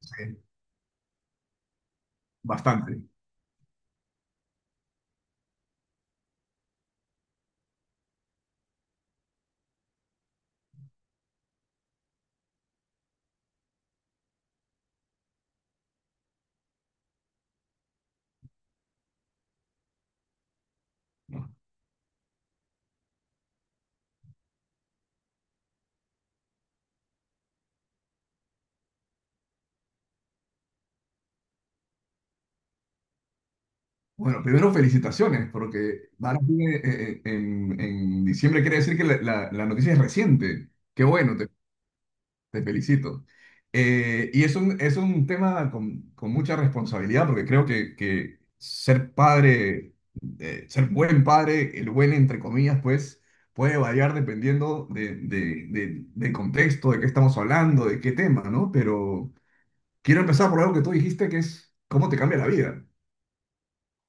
Sí, bastante. ¿No? Bueno, primero felicitaciones, porque Barak viene, en diciembre. Quiere decir que la noticia es reciente. Qué bueno, te felicito. Y es un tema con mucha responsabilidad, porque creo que ser padre, ser buen padre, el buen entre comillas, pues puede variar dependiendo del contexto, de qué estamos hablando, de qué tema, ¿no? Pero quiero empezar por algo que tú dijiste, que es cómo te cambia la vida.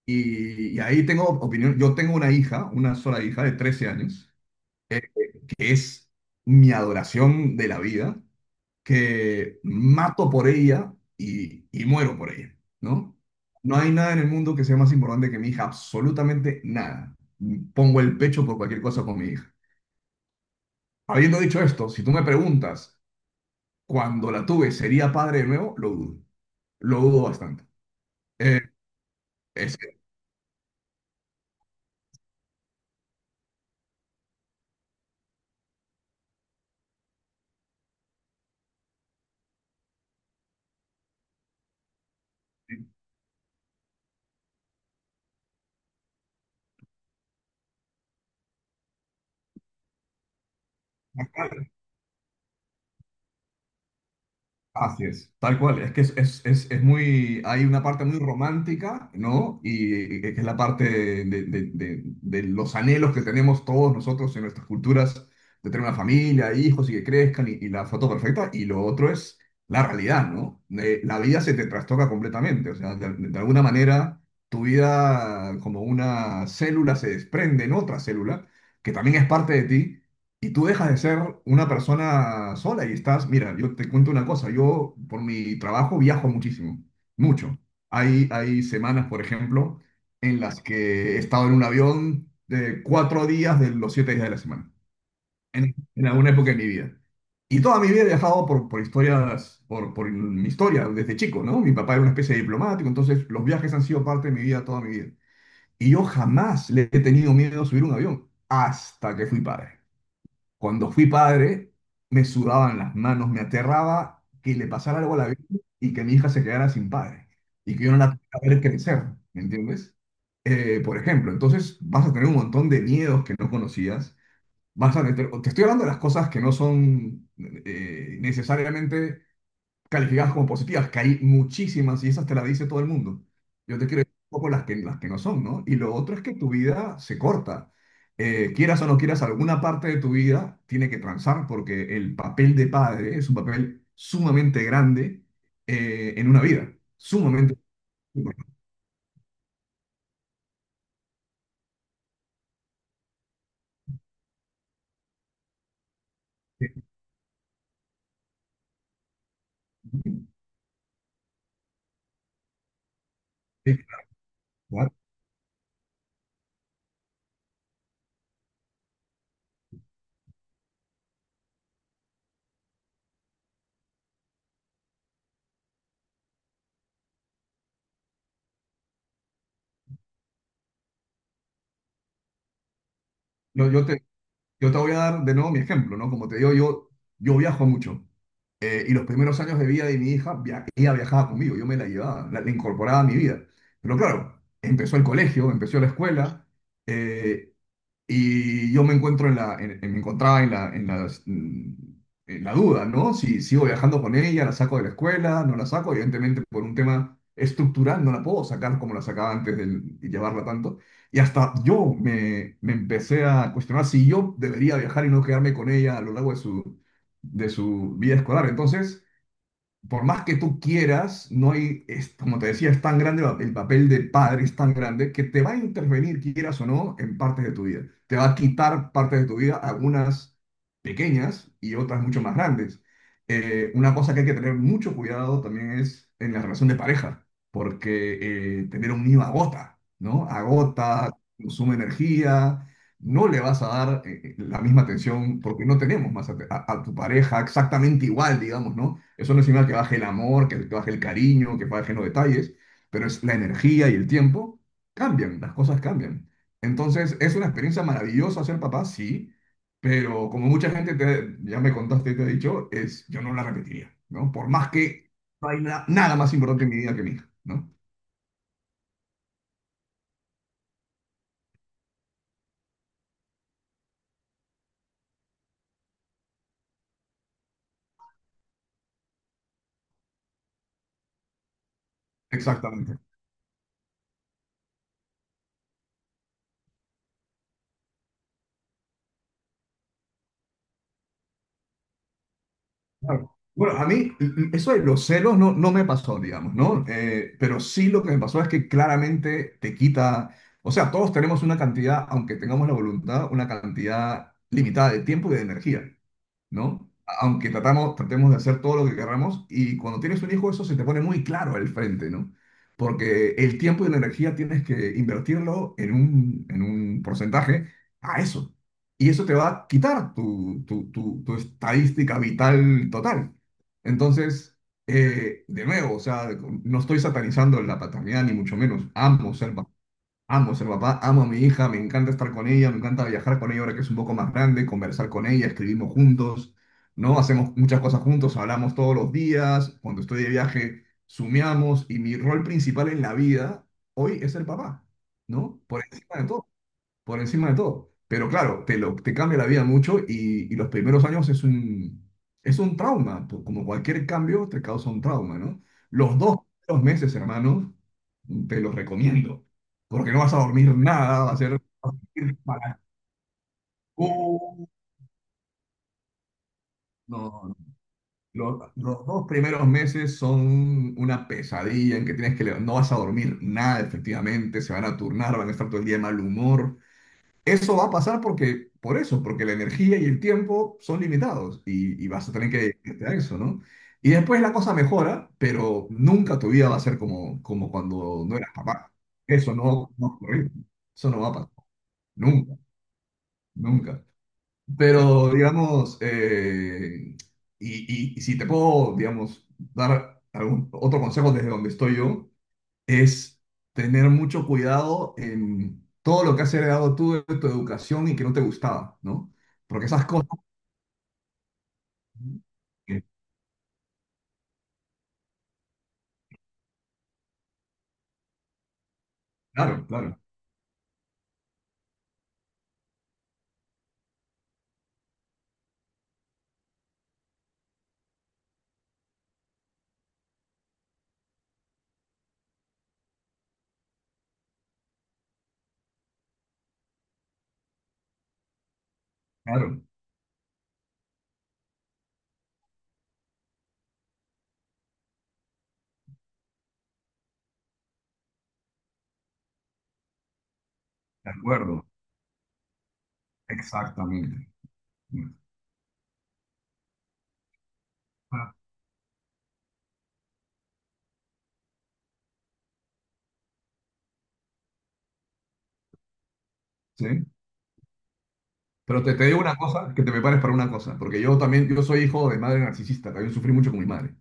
Y ahí tengo opinión. Yo tengo una hija, una sola hija de 13 años, eh, que es mi adoración de la vida, que mato por ella y muero por ella, ¿no? No hay nada en el mundo que sea más importante que mi hija, absolutamente nada. Pongo el pecho por cualquier cosa con mi hija. Habiendo dicho esto, si tú me preguntas, cuando la tuve, ¿sería padre de nuevo? Lo dudo. Lo dudo bastante. Eh, es, Así es, tal cual. Es que es, es muy. Hay una parte muy romántica, ¿no? Y que es la parte de, de- de los anhelos que tenemos todos nosotros en nuestras culturas, de tener una familia, hijos y que crezcan, y la foto perfecta. Y lo otro es la realidad, ¿no? La vida se te trastoca completamente. O sea, de alguna manera, tu vida, como una célula, se desprende en otra célula, que también es parte de ti y tú dejas de ser una persona sola y estás, mira, yo te cuento una cosa, yo por mi trabajo viajo muchísimo, mucho. Hay semanas, por ejemplo, en las que he estado en un avión de 4 días de los 7 días de la semana, en alguna época de mi vida. Y toda mi vida he viajado por historias, por mi historia desde chico, ¿no? Mi papá era una especie de diplomático, entonces los viajes han sido parte de mi vida toda mi vida. Y yo jamás le he tenido miedo a subir un avión hasta que fui padre. Cuando fui padre, me sudaban las manos, me aterraba que le pasara algo a la vida y que mi hija se quedara sin padre y que yo no la pudiera ver crecer, ¿me entiendes? Por ejemplo, entonces vas a tener un montón de miedos que no conocías, te estoy hablando de las cosas que no son necesariamente calificadas como positivas, que hay muchísimas y esas te las dice todo el mundo. Yo te quiero decir un poco las que no son, ¿no? Y lo otro es que tu vida se corta. Quieras o no quieras, alguna parte de tu vida tiene que transar porque el papel de padre es un papel sumamente grande en una vida, sumamente importante. Sí, claro. No, yo te voy a dar de nuevo mi ejemplo, ¿no? Como te digo, yo viajo mucho. Y los primeros años de vida de mi hija, ella viajaba conmigo, yo me la llevaba, la incorporaba a mi vida. Pero claro, empezó el colegio, empezó la escuela, eh, y yo me encontraba en la, en la duda, ¿no? Si sigo viajando con ella, la saco de la escuela, no la saco, evidentemente por un tema estructural no la puedo sacar como la sacaba antes de llevarla tanto. Y hasta yo me empecé a cuestionar si yo debería viajar y no quedarme con ella a lo largo de su vida escolar. Entonces, por más que tú quieras, no hay, es, como te decía, es tan grande el papel de padre, es tan grande que te va a intervenir, quieras o no, en partes de tu vida. Te va a quitar partes de tu vida, algunas pequeñas y otras mucho más grandes. Una cosa que hay que tener mucho cuidado también es en la relación de pareja, porque tener un niño agota, ¿no? Agota, consume energía. No le vas a dar la misma atención porque no tenemos más a tu pareja exactamente igual, digamos, ¿no? Eso no es señal que baje el amor, que baje el cariño, que bajen los detalles, pero es la energía y el tiempo cambian, las cosas cambian. Entonces, es una experiencia maravillosa ser papá, sí, pero como mucha gente ya me contaste, te he dicho, es, yo no la repetiría, ¿no? Por más que no hay nada más importante en mi vida que mi hija, ¿no? Exactamente. Claro. Bueno, a mí eso de los celos no me pasó, digamos, ¿no? Pero sí lo que me pasó es que claramente te quita, o sea, todos tenemos una cantidad, aunque tengamos la voluntad, una cantidad limitada de tiempo y de energía. ¿No? Aunque tratemos de hacer todo lo que queramos, y cuando tienes un hijo eso se te pone muy claro al frente, ¿no? Porque el tiempo y la energía tienes que invertirlo en un porcentaje a eso. Y eso te va a quitar tu estadística vital total. Entonces, de nuevo, o sea, no estoy satanizando la paternidad ni mucho menos. Amo ser papá. Amo a mi hija, me encanta estar con ella, me encanta viajar con ella ahora que es un poco más grande, conversar con ella, escribimos juntos, ¿no? Hacemos muchas cosas juntos, hablamos todos los días, cuando estoy de viaje, sumeamos y mi rol principal en la vida hoy es ser papá, ¿no? Por encima de todo. Pero claro, te cambia la vida mucho y los primeros años es un trauma, como cualquier cambio te causa un trauma, ¿no? Los dos primeros meses, hermano, te los recomiendo, porque no vas a dormir nada, va a ser vas a ir para. Uh, No, no. Los dos primeros meses son una pesadilla en que tienes que. No vas a dormir nada, efectivamente, se van a turnar, van a estar todo el día de mal humor. Eso va a pasar porque, por eso, porque la energía y el tiempo son limitados y vas a tener que gestionar eso, ¿no? Y después la cosa mejora, pero nunca tu vida va a ser como, como cuando no eras papá. Eso no va a ocurrir. Eso no va a pasar. Nunca, nunca. Pero, digamos, y, y si te puedo, digamos, dar algún otro consejo desde donde estoy yo, es tener mucho cuidado en todo lo que has heredado tú de tu educación y que no te gustaba, ¿no? Porque esas cosas. que- Claro, claro, claro, de acuerdo, exactamente. Ah, sí, pero te digo una cosa, que te prepares para una cosa, porque yo también, yo soy hijo de madre narcisista, también sufrí mucho con mi madre.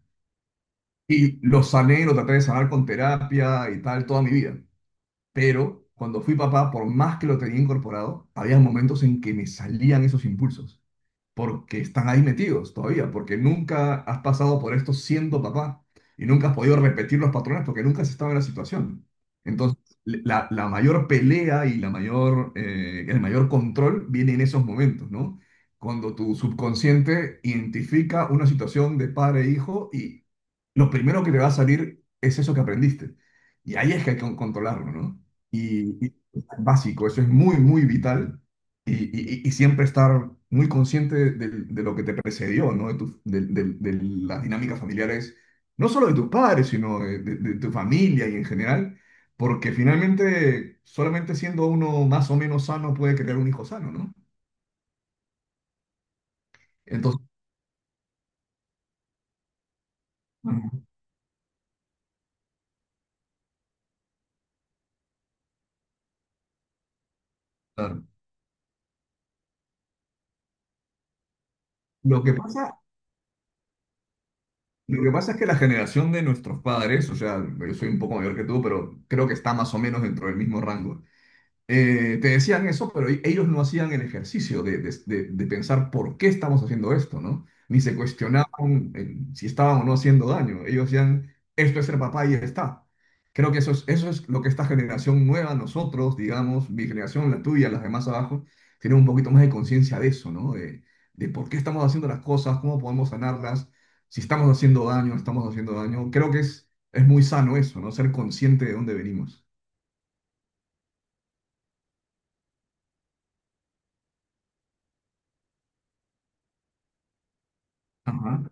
Y lo sané, lo traté de sanar con terapia y tal toda mi vida. Pero cuando fui papá, por más que lo tenía incorporado, había momentos en que me salían esos impulsos, porque están ahí metidos todavía, porque nunca has pasado por esto siendo papá y nunca has podido repetir los patrones porque nunca has estado en la situación. Entonces, la mayor pelea y el mayor control viene en esos momentos, ¿no? Cuando tu subconsciente identifica una situación de padre e hijo y lo primero que te va a salir es eso que aprendiste. Y ahí es que hay que controlarlo, ¿no? Y es básico, eso es muy, muy vital y siempre estar muy consciente de lo que te precedió, ¿no? De, tu- de las dinámicas familiares, no solo de tus padres, sino de tu familia y en general, porque finalmente solamente siendo uno más o menos sano puede crear un hijo sano, ¿no? Entonces, claro, lo que pasa, lo que pasa es que la generación de nuestros padres, o sea, yo soy un poco mayor que tú, pero creo que está más o menos dentro del mismo rango. Te decían eso, pero ellos no hacían el ejercicio de pensar por qué estamos haciendo esto, ¿no? Ni se cuestionaban si estaban o no haciendo daño. Ellos decían, esto es ser papá y ya está. Creo que eso es lo que esta generación nueva, nosotros, digamos, mi generación, la tuya, las demás abajo, tienen un poquito más de conciencia de eso, ¿no? De por qué estamos haciendo las cosas, cómo podemos sanarlas, si estamos haciendo daño, no estamos haciendo daño. Creo que es muy sano eso, ¿no? Ser consciente de dónde venimos. Ajá.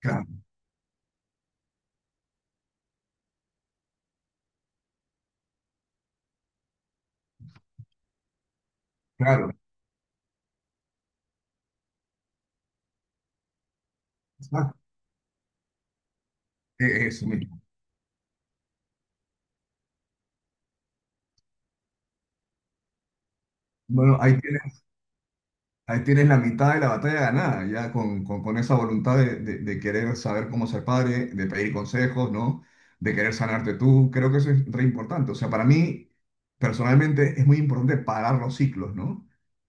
Claro, claro. Exacto, eso mismo. Bueno, ahí tienes la mitad de la batalla ganada, ya con, con esa voluntad de querer saber cómo ser padre, de pedir consejos, ¿no? De querer sanarte tú. Creo que eso es re importante. O sea, para mí, personalmente, es muy importante parar los ciclos, ¿no?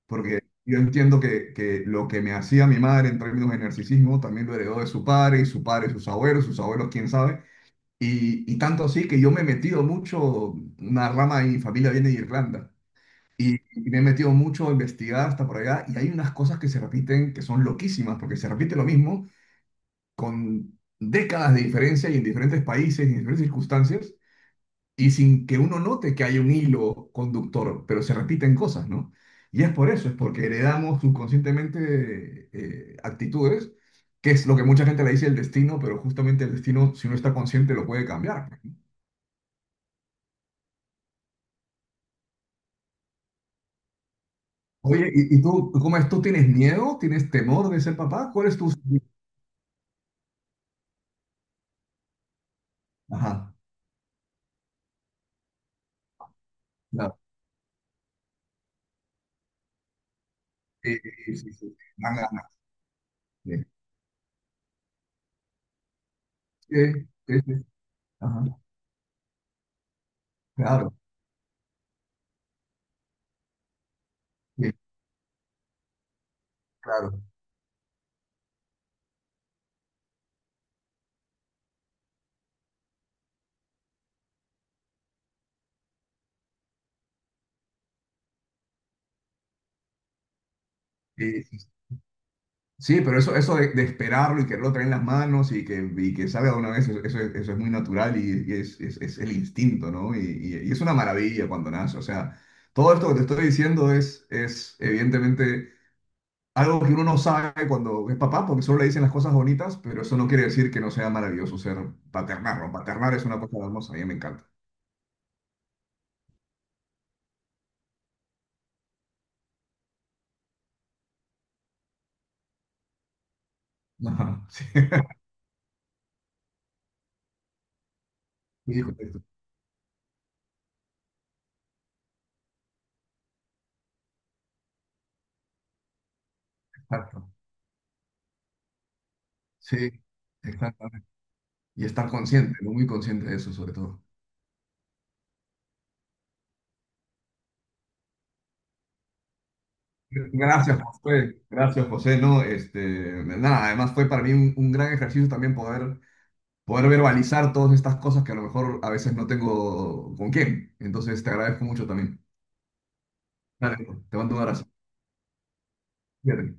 Porque yo entiendo que lo que me hacía mi madre en términos de narcisismo también lo heredó de su padre, y su padre, sus abuelos, quién sabe. Y tanto así que yo me he metido mucho, una rama de mi familia viene de Irlanda. Y me he metido mucho a investigar hasta por allá y hay unas cosas que se repiten que son loquísimas, porque se repite lo mismo con décadas de diferencia y en diferentes países y en diferentes circunstancias y sin que uno note que hay un hilo conductor, pero se repiten cosas, ¿no? Y es por eso, es porque heredamos subconscientemente actitudes, que es lo que mucha gente le dice el destino, pero justamente el destino, si uno está consciente, lo puede cambiar. Oye, ¿y tú, cómo es? ¿Tú tienes miedo? ¿Tienes temor de ser papá? ¿Cuál es tu... Ajá. Claro. Sí, sí, sí, sí. Dan ganas. Sí, sí, sí, sí. Ajá. Claro, sí, claro. Sí, sí, sí. Sí, pero eso de esperarlo y quererlo traer en las manos y que salga de una vez, eso, eso es muy natural y es, es el instinto, ¿no? Y es una maravilla cuando nace. O sea, todo esto que te estoy diciendo es evidentemente algo que uno no sabe cuando es papá, porque solo le dicen las cosas bonitas, pero eso no quiere decir que no sea maravilloso ser paternar, ¿no? Paternar es una cosa hermosa, a mí me encanta. Ajá, sí. Hijo de tu- Exacto. Sí, exactamente. Y estar consciente, ¿no? Muy consciente de eso, sobre todo. Gracias, José. Gracias, José. No, este, nada, además fue para mí un gran ejercicio también poder, poder verbalizar todas estas cosas que a lo mejor a veces no tengo con quién. Entonces, te agradezco mucho también. Dale, te mando un abrazo. Cuídate.